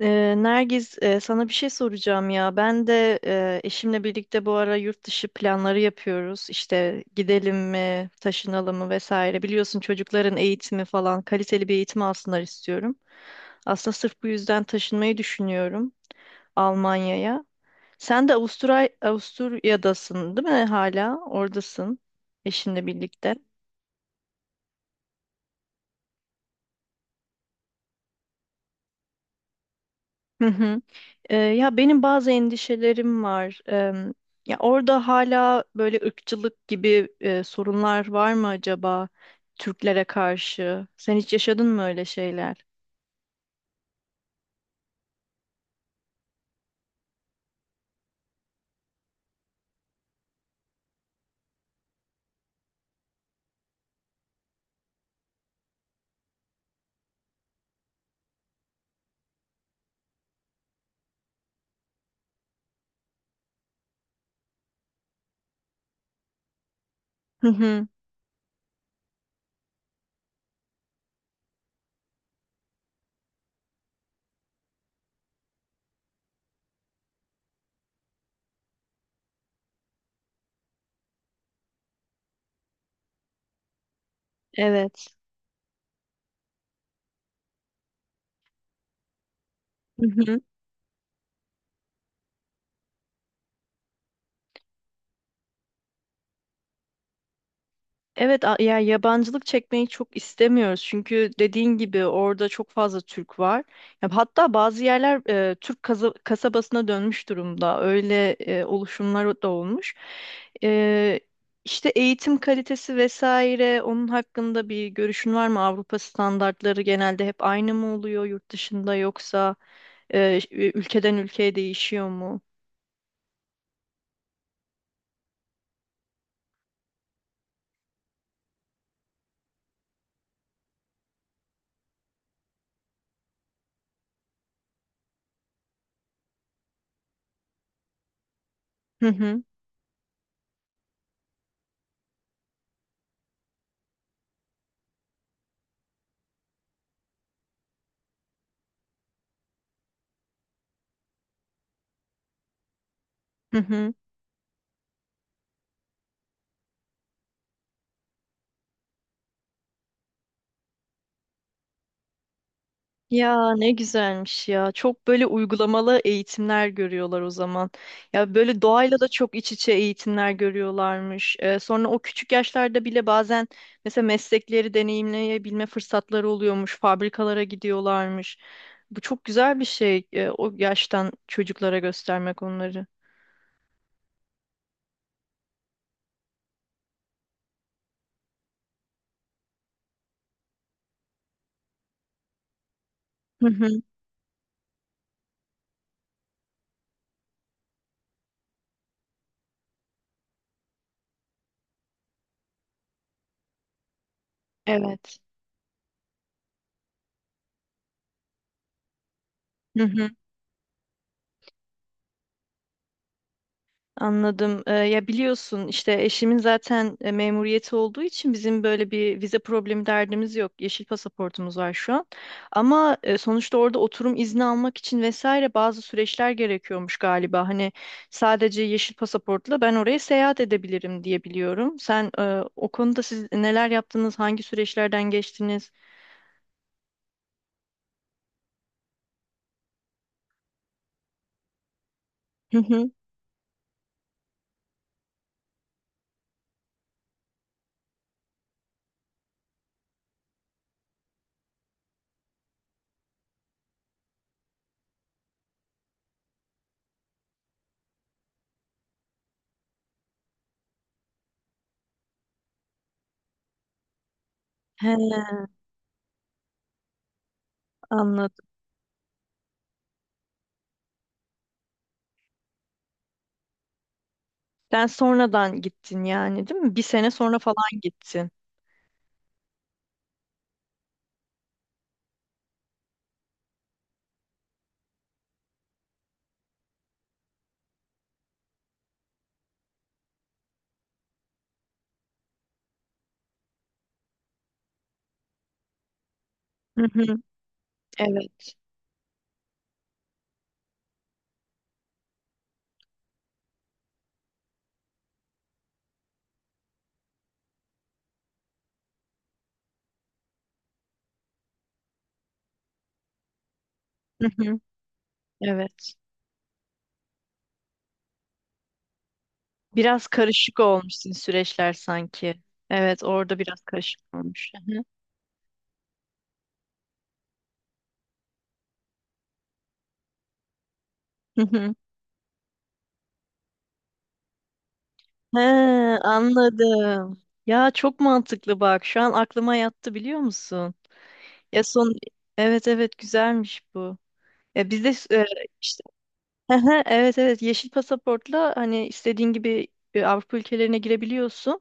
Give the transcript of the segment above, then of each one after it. Nergiz, sana bir şey soracağım ya. Ben de eşimle birlikte bu ara yurt dışı planları yapıyoruz. İşte gidelim mi, taşınalım mı vesaire. Biliyorsun çocukların eğitimi falan, kaliteli bir eğitim alsınlar istiyorum. Aslında sırf bu yüzden taşınmayı düşünüyorum Almanya'ya. Sen de Avusturya'dasın, değil mi hala? Oradasın eşinle birlikte. Hı hı. Ya benim bazı endişelerim var. Ya orada hala böyle ırkçılık gibi sorunlar var mı acaba Türklere karşı? Sen hiç yaşadın mı öyle şeyler? Hı hı. Evet. Hı hı. Evet, ya yabancılık çekmeyi çok istemiyoruz çünkü dediğin gibi orada çok fazla Türk var. Ya hatta bazı yerler Türk kasabasına dönmüş durumda. Öyle oluşumlar da olmuş. E, işte eğitim kalitesi vesaire onun hakkında bir görüşün var mı? Avrupa standartları genelde hep aynı mı oluyor yurt dışında yoksa ülkeden ülkeye değişiyor mu? Hı hı. Hı hı. Ya ne güzelmiş ya. Çok böyle uygulamalı eğitimler görüyorlar o zaman. Ya böyle doğayla da çok iç içe eğitimler görüyorlarmış. Sonra o küçük yaşlarda bile bazen mesela meslekleri deneyimleyebilme fırsatları oluyormuş. Fabrikalara gidiyorlarmış. Bu çok güzel bir şey. O yaştan çocuklara göstermek onları. Hı hı. Evet. Hı hı. Anladım. Ya biliyorsun işte eşimin zaten memuriyeti olduğu için bizim böyle bir vize problemi derdimiz yok. Yeşil pasaportumuz var şu an. Ama sonuçta orada oturum izni almak için vesaire bazı süreçler gerekiyormuş galiba. Hani sadece yeşil pasaportla ben oraya seyahat edebilirim diye biliyorum. O konuda siz neler yaptınız? Hangi süreçlerden geçtiniz? Hı hı. He, anladım. Sen sonradan gittin yani değil mi? Bir sene sonra falan gittin. Hı hı, evet. Hı hı, evet. Biraz karışık olmuşsun süreçler sanki. Evet, orada biraz karışık olmuş. Hı hı. Hı hı. He, anladım. Ya çok mantıklı bak. Şu an aklıma yattı biliyor musun? Ya son evet evet güzelmiş bu. Ya bizde e, işte Aha, evet evet yeşil pasaportla hani istediğin gibi Avrupa ülkelerine girebiliyorsun.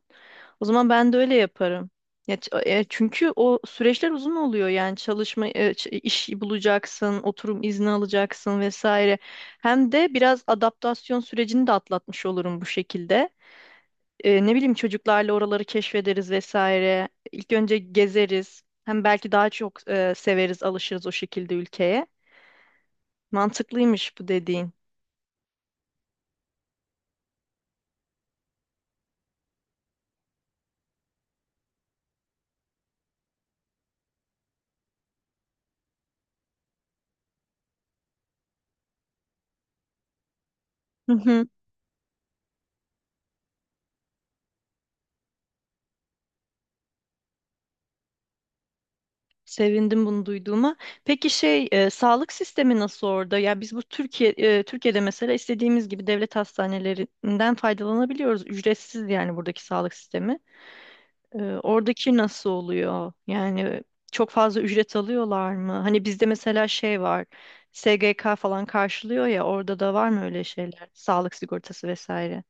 O zaman ben de öyle yaparım. Ya, çünkü o süreçler uzun oluyor yani çalışma iş bulacaksın, oturum izni alacaksın vesaire. Hem de biraz adaptasyon sürecini de atlatmış olurum bu şekilde, ne bileyim çocuklarla oraları keşfederiz vesaire. İlk önce gezeriz. Hem belki daha çok severiz, alışırız o şekilde ülkeye. Mantıklıymış bu dediğin. Hı hı. Sevindim bunu duyduğuma. Peki şey, sağlık sistemi nasıl orada? Ya biz bu Türkiye'de mesela istediğimiz gibi devlet hastanelerinden faydalanabiliyoruz. Ücretsiz yani buradaki sağlık sistemi. Oradaki nasıl oluyor? Yani çok fazla ücret alıyorlar mı? Hani bizde mesela şey var. SGK falan karşılıyor ya orada da var mı öyle şeyler? Sağlık sigortası vesaire.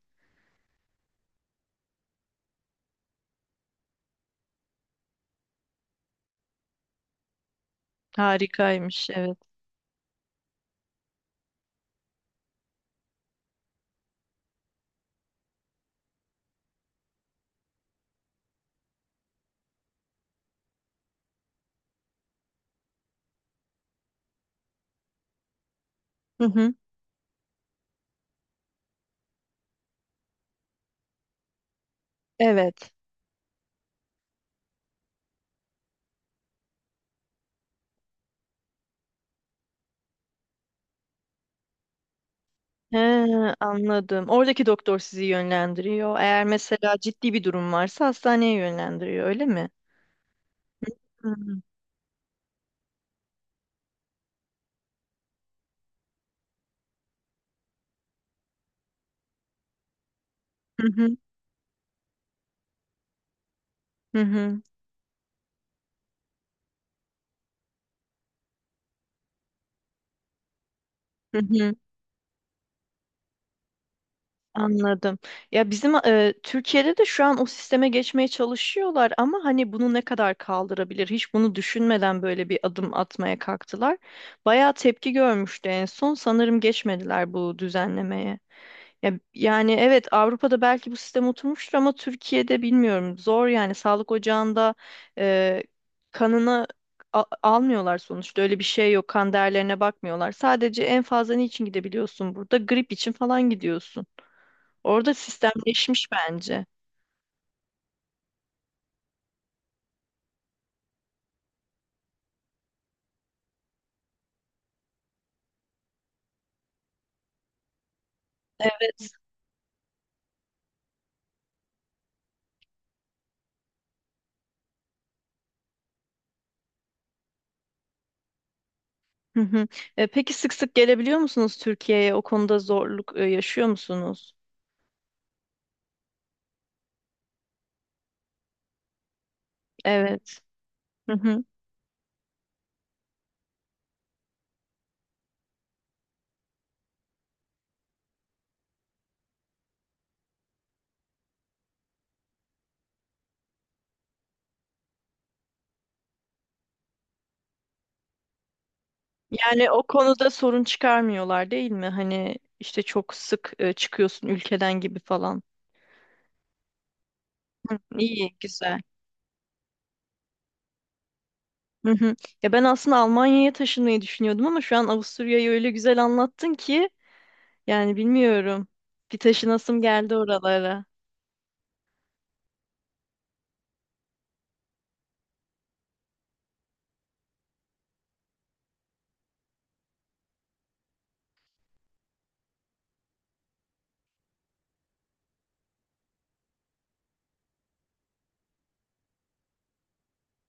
Harikaymış evet. Hı hı. Evet. He, anladım. Oradaki doktor sizi yönlendiriyor. Eğer mesela ciddi bir durum varsa hastaneye yönlendiriyor öyle mi? Hı hı. Hı hı. Hı hı. Hı hı. Anladım. Ya bizim Türkiye'de de şu an o sisteme geçmeye çalışıyorlar ama hani bunu ne kadar kaldırabilir? Hiç bunu düşünmeden böyle bir adım atmaya kalktılar. Bayağı tepki görmüştü en son. Sanırım geçmediler bu düzenlemeye. Ya, yani evet Avrupa'da belki bu sistem oturmuştur ama Türkiye'de bilmiyorum. Zor yani sağlık ocağında e, kanını almıyorlar sonuçta. Öyle bir şey yok. Kan değerlerine bakmıyorlar. Sadece en fazla niçin gidebiliyorsun burada? Grip için falan gidiyorsun. Orada sistemleşmiş bence. Evet. Hı hı. Peki sık sık gelebiliyor musunuz Türkiye'ye? O konuda zorluk yaşıyor musunuz? Evet. Hı hı. Yani o konuda sorun çıkarmıyorlar değil mi? Hani işte çok sık çıkıyorsun ülkeden gibi falan. Hı, iyi, güzel. Hı hı. Ya ben aslında Almanya'ya taşınmayı düşünüyordum ama şu an Avusturya'yı öyle güzel anlattın ki yani bilmiyorum. Bir taşınasım geldi oralara.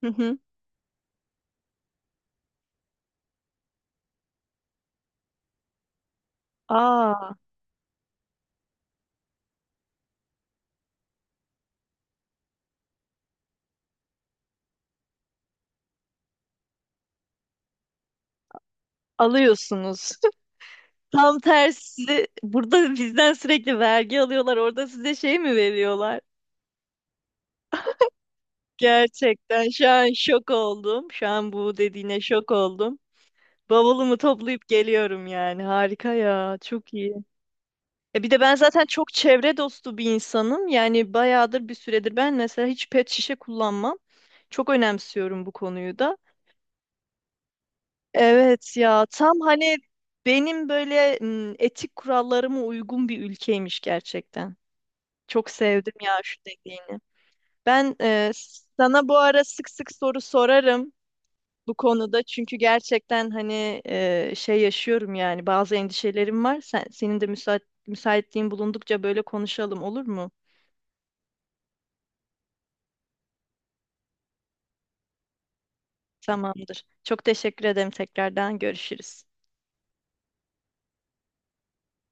Hı hı. Aa, alıyorsunuz. Tam tersi. Burada bizden sürekli vergi alıyorlar. Orada size şey mi veriyorlar? Gerçekten şu an şok oldum. Şu an bu dediğine şok oldum. Bavulumu toplayıp geliyorum yani. Harika ya. Çok iyi. E bir de ben zaten çok çevre dostu bir insanım. Yani bayağıdır bir süredir ben mesela hiç pet şişe kullanmam. Çok önemsiyorum bu konuyu da. Evet ya tam hani benim böyle etik kurallarıma uygun bir ülkeymiş gerçekten. Çok sevdim ya şu dediğini. Ben e, Sana bu ara sık sık soru sorarım bu konuda. Çünkü gerçekten hani şey yaşıyorum yani bazı endişelerim var. Senin de müsaitliğin bulundukça böyle konuşalım olur mu? Tamamdır. Çok teşekkür ederim tekrardan. Görüşürüz.